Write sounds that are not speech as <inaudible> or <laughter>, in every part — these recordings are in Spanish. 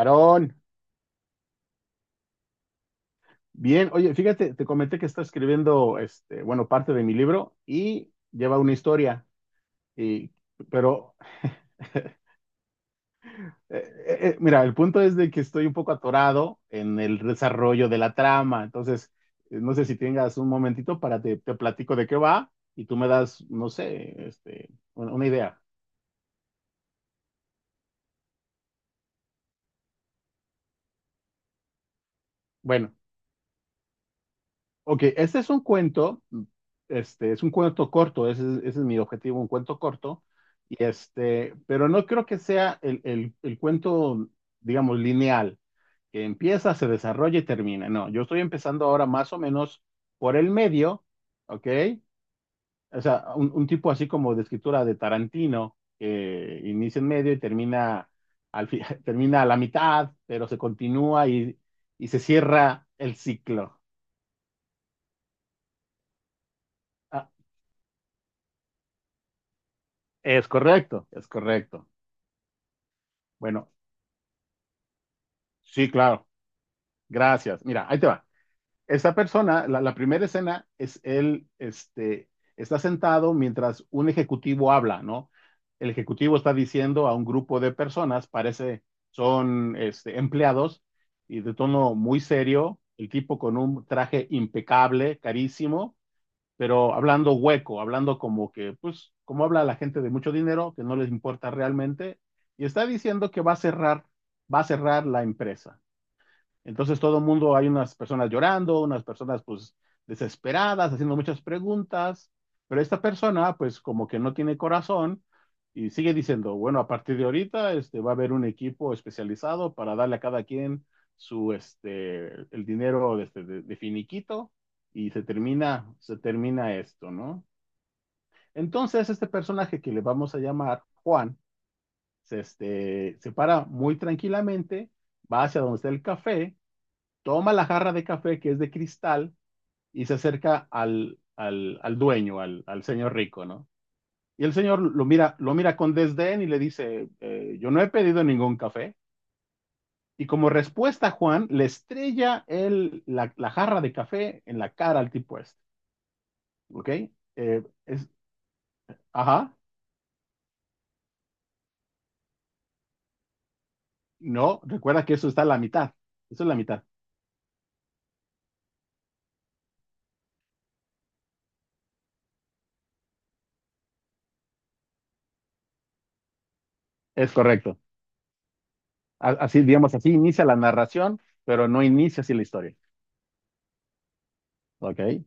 Aarón, bien, oye, fíjate, te comenté que está escribiendo, bueno, parte de mi libro y lleva una historia, y, pero, mira, el punto es de que estoy un poco atorado en el desarrollo de la trama. Entonces, no sé si tengas un momentito para te platico de qué va y tú me das, no sé, una idea. Bueno. Ok, este es un cuento corto. Ese es mi objetivo, un cuento corto, y este, pero no creo que sea el cuento, digamos, lineal, que empieza, se desarrolla y termina. No, yo estoy empezando ahora más o menos por el medio. ¿Ok? O sea, un tipo así como de escritura de Tarantino, que inicia en medio y termina, al fi- <laughs> termina a la mitad, pero se continúa y se cierra el ciclo. Ah, es correcto, es correcto. Bueno, sí, claro. Gracias. Mira, ahí te va. Esta persona, la primera escena es él, este, está sentado mientras un ejecutivo habla, ¿no? El ejecutivo está diciendo a un grupo de personas, parece son este, empleados, y de tono muy serio, el tipo con un traje impecable, carísimo, pero hablando hueco, hablando como que, pues, como habla la gente de mucho dinero, que no les importa realmente, y está diciendo que va a cerrar la empresa. Entonces todo el mundo, hay unas personas llorando, unas personas pues desesperadas, haciendo muchas preguntas, pero esta persona pues como que no tiene corazón y sigue diciendo, bueno, a partir de ahorita este, va a haber un equipo especializado para darle a cada quien su, este, el dinero de, este, de finiquito y se termina esto, ¿no? Entonces este personaje que le vamos a llamar Juan, se, este, se para muy tranquilamente, va hacia donde está el café, toma la jarra de café que es de cristal y se acerca al dueño, al señor rico, ¿no? Y el señor lo mira con desdén y le dice, yo no he pedido ningún café. Y como respuesta, Juan le estrella la jarra de café en la cara al tipo este. ¿Ok? Eh, es, ajá, no, recuerda que eso está a la mitad, eso es la mitad. Es correcto. Así, digamos, así inicia la narración, pero no inicia así la historia. ¿ok? E-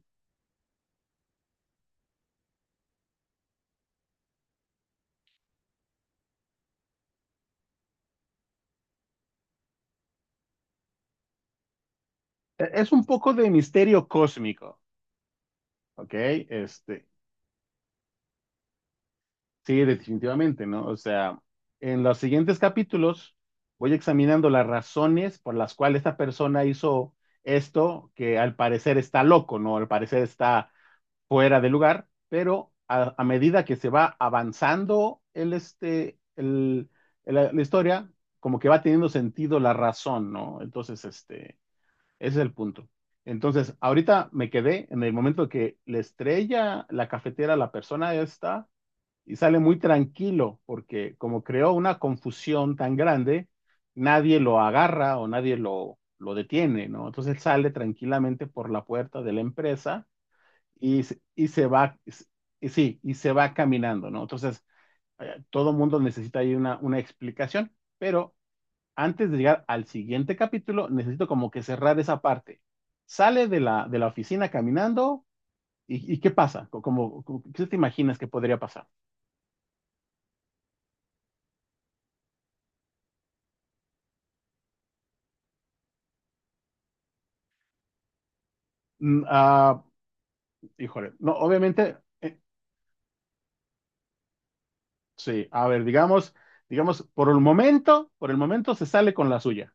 Es un poco de misterio cósmico. Ok, este, sí, definitivamente, ¿no? O sea, en los siguientes capítulos voy examinando las razones por las cuales esta persona hizo esto, que al parecer está loco, ¿no? Al parecer está fuera de lugar, pero a medida que se va avanzando el, este, el- la historia, como que va teniendo sentido la razón, ¿no? Entonces, este, ese es el punto. Entonces, ahorita me quedé en el momento que le estrella la cafetera a la persona esta y sale muy tranquilo porque como creó una confusión tan grande, nadie lo agarra o nadie lo detiene, ¿no? Entonces él sale tranquilamente por la puerta de la empresa y, y se va, y sí, y se va caminando, ¿no? Entonces, todo mundo necesita ahí una explicación, pero antes de llegar al siguiente capítulo, necesito como que cerrar esa parte. Sale de de la oficina caminando. Y qué pasa? ¿Qué te imaginas que podría pasar? Mm, ah, Híjole, no, obviamente, sí, a ver, digamos, digamos, por el momento se sale con la suya.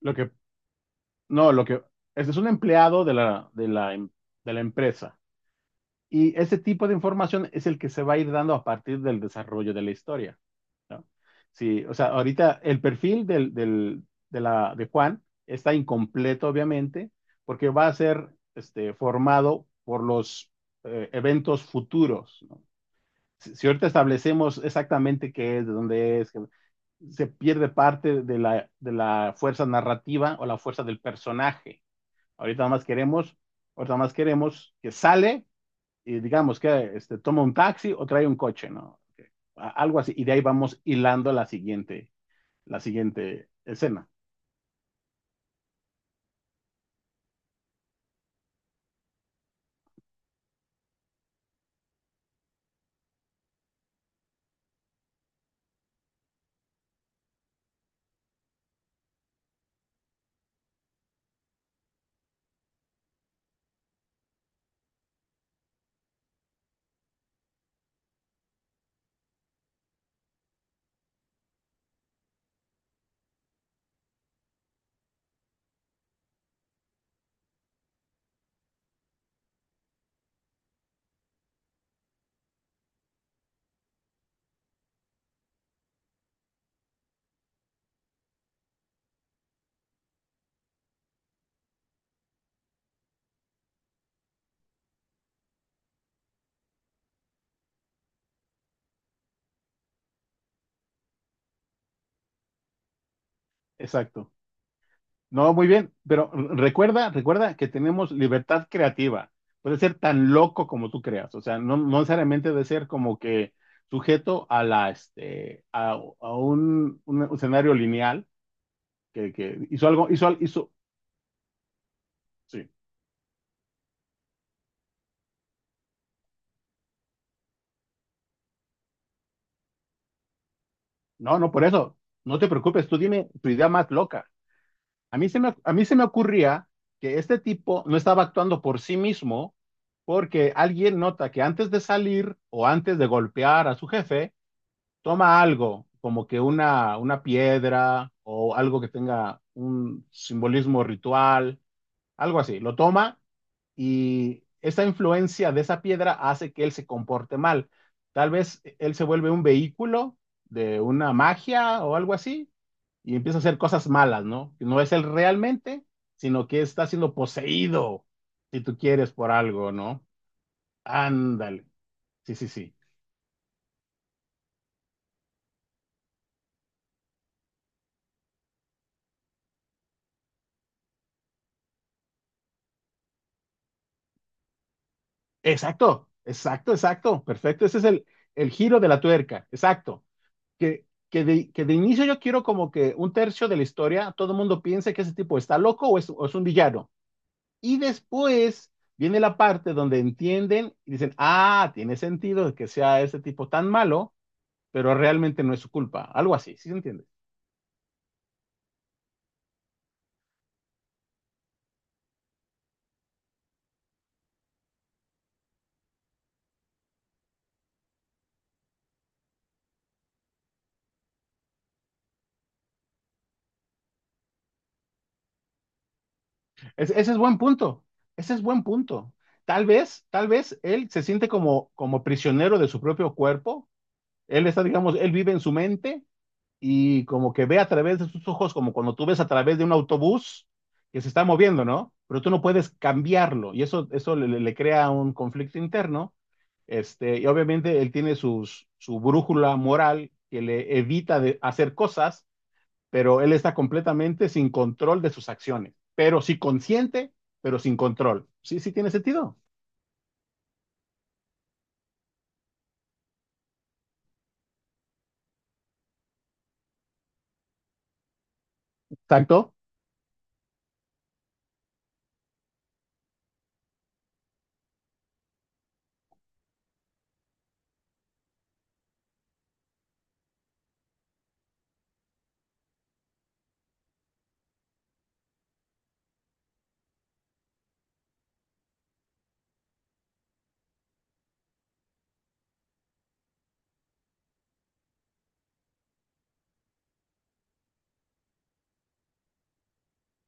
Lo que, no, lo que, Este es un empleado de de la empresa. Y ese tipo de información es el que se va a ir dando a partir del desarrollo de la historia, ¿no? Sí, o sea, ahorita el perfil de Juan está incompleto, obviamente, porque va a ser, este, formado por los eventos futuros, ¿no? Si ahorita establecemos exactamente qué es, de dónde es, que se pierde parte de de la fuerza narrativa o la fuerza del personaje. Ahorita nada más queremos, Ahorita nada más queremos que sale y digamos que este, toma un taxi o trae un coche, ¿no? Algo así, y de ahí vamos hilando la siguiente escena. Exacto. No, muy bien, pero recuerda, recuerda que tenemos libertad creativa. Puede ser tan loco como tú creas, o sea, no, no necesariamente de ser como que sujeto a la, este, a, un escenario lineal que hizo algo, hizo, al- hizo, sí. No, no, por eso, no te preocupes, tú dime tu idea más loca. A mí se me ocurría que este tipo no estaba actuando por sí mismo porque alguien nota que antes de salir o antes de golpear a su jefe, toma algo, como que una piedra o algo que tenga un simbolismo ritual, algo así. Lo toma y esa influencia de esa piedra hace que él se comporte mal. Él se vuelve un vehículo de una magia o algo así y empieza a hacer cosas malas, ¿no? Que no es él realmente, sino que está siendo poseído, si tú quieres, por algo, ¿no? Ándale. Sí, sí, sí. Exacto, exacto, exacto, perfecto. Ese es el giro de la tuerca, exacto. Que de inicio yo quiero como que un tercio de la historia, todo el mundo piense que ese tipo está loco o es un villano. Y después viene la parte donde entienden y dicen, ah, tiene sentido que sea ese tipo tan malo, pero realmente no es su culpa. Algo así, ¿sí se entiende? Es- ese es buen punto, Ese es buen punto. Tal vez él se siente como, como prisionero de su propio cuerpo. Él está, digamos, él vive en su mente y como que ve a través de sus ojos, como cuando tú ves a través de un autobús que se está moviendo, ¿no? Pero tú no puedes cambiarlo y eso le crea un conflicto interno. Este, y obviamente él tiene su brújula moral que le evita de hacer cosas, pero él está completamente sin control de sus acciones, pero sí consciente, pero sin control. Sí, sí tiene sentido. Exacto.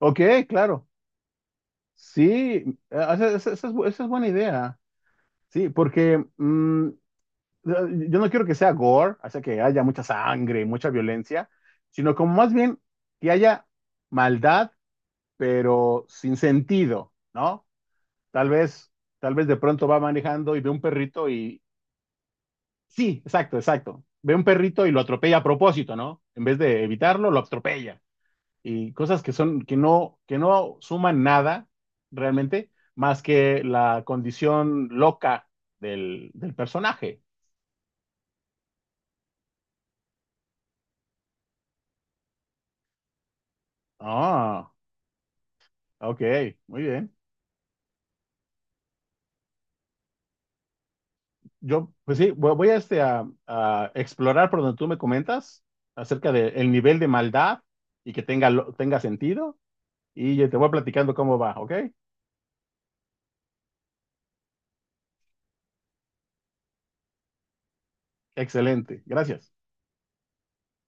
Ok, claro. Sí, esa es, esa es buena idea. Sí, porque eh, yo no quiero que sea gore, o sea, que haya mucha sangre, mucha violencia, sino como más bien que haya maldad, pero sin sentido, ¿no? Tal vez, tal vez de pronto va manejando y ve un perrito y... Sí, exacto, exacto. Ve un perrito y lo atropella a propósito, ¿no? En vez de evitarlo, lo atropella. Y cosas que son, que no suman nada realmente, más que la condición loca del personaje. Ah, ok, muy bien. Yo, pues sí, voy a explorar por donde tú me comentas acerca del nivel de maldad y que tenga, tenga sentido. Y yo te voy platicando cómo va, ¿ok? Excelente, gracias.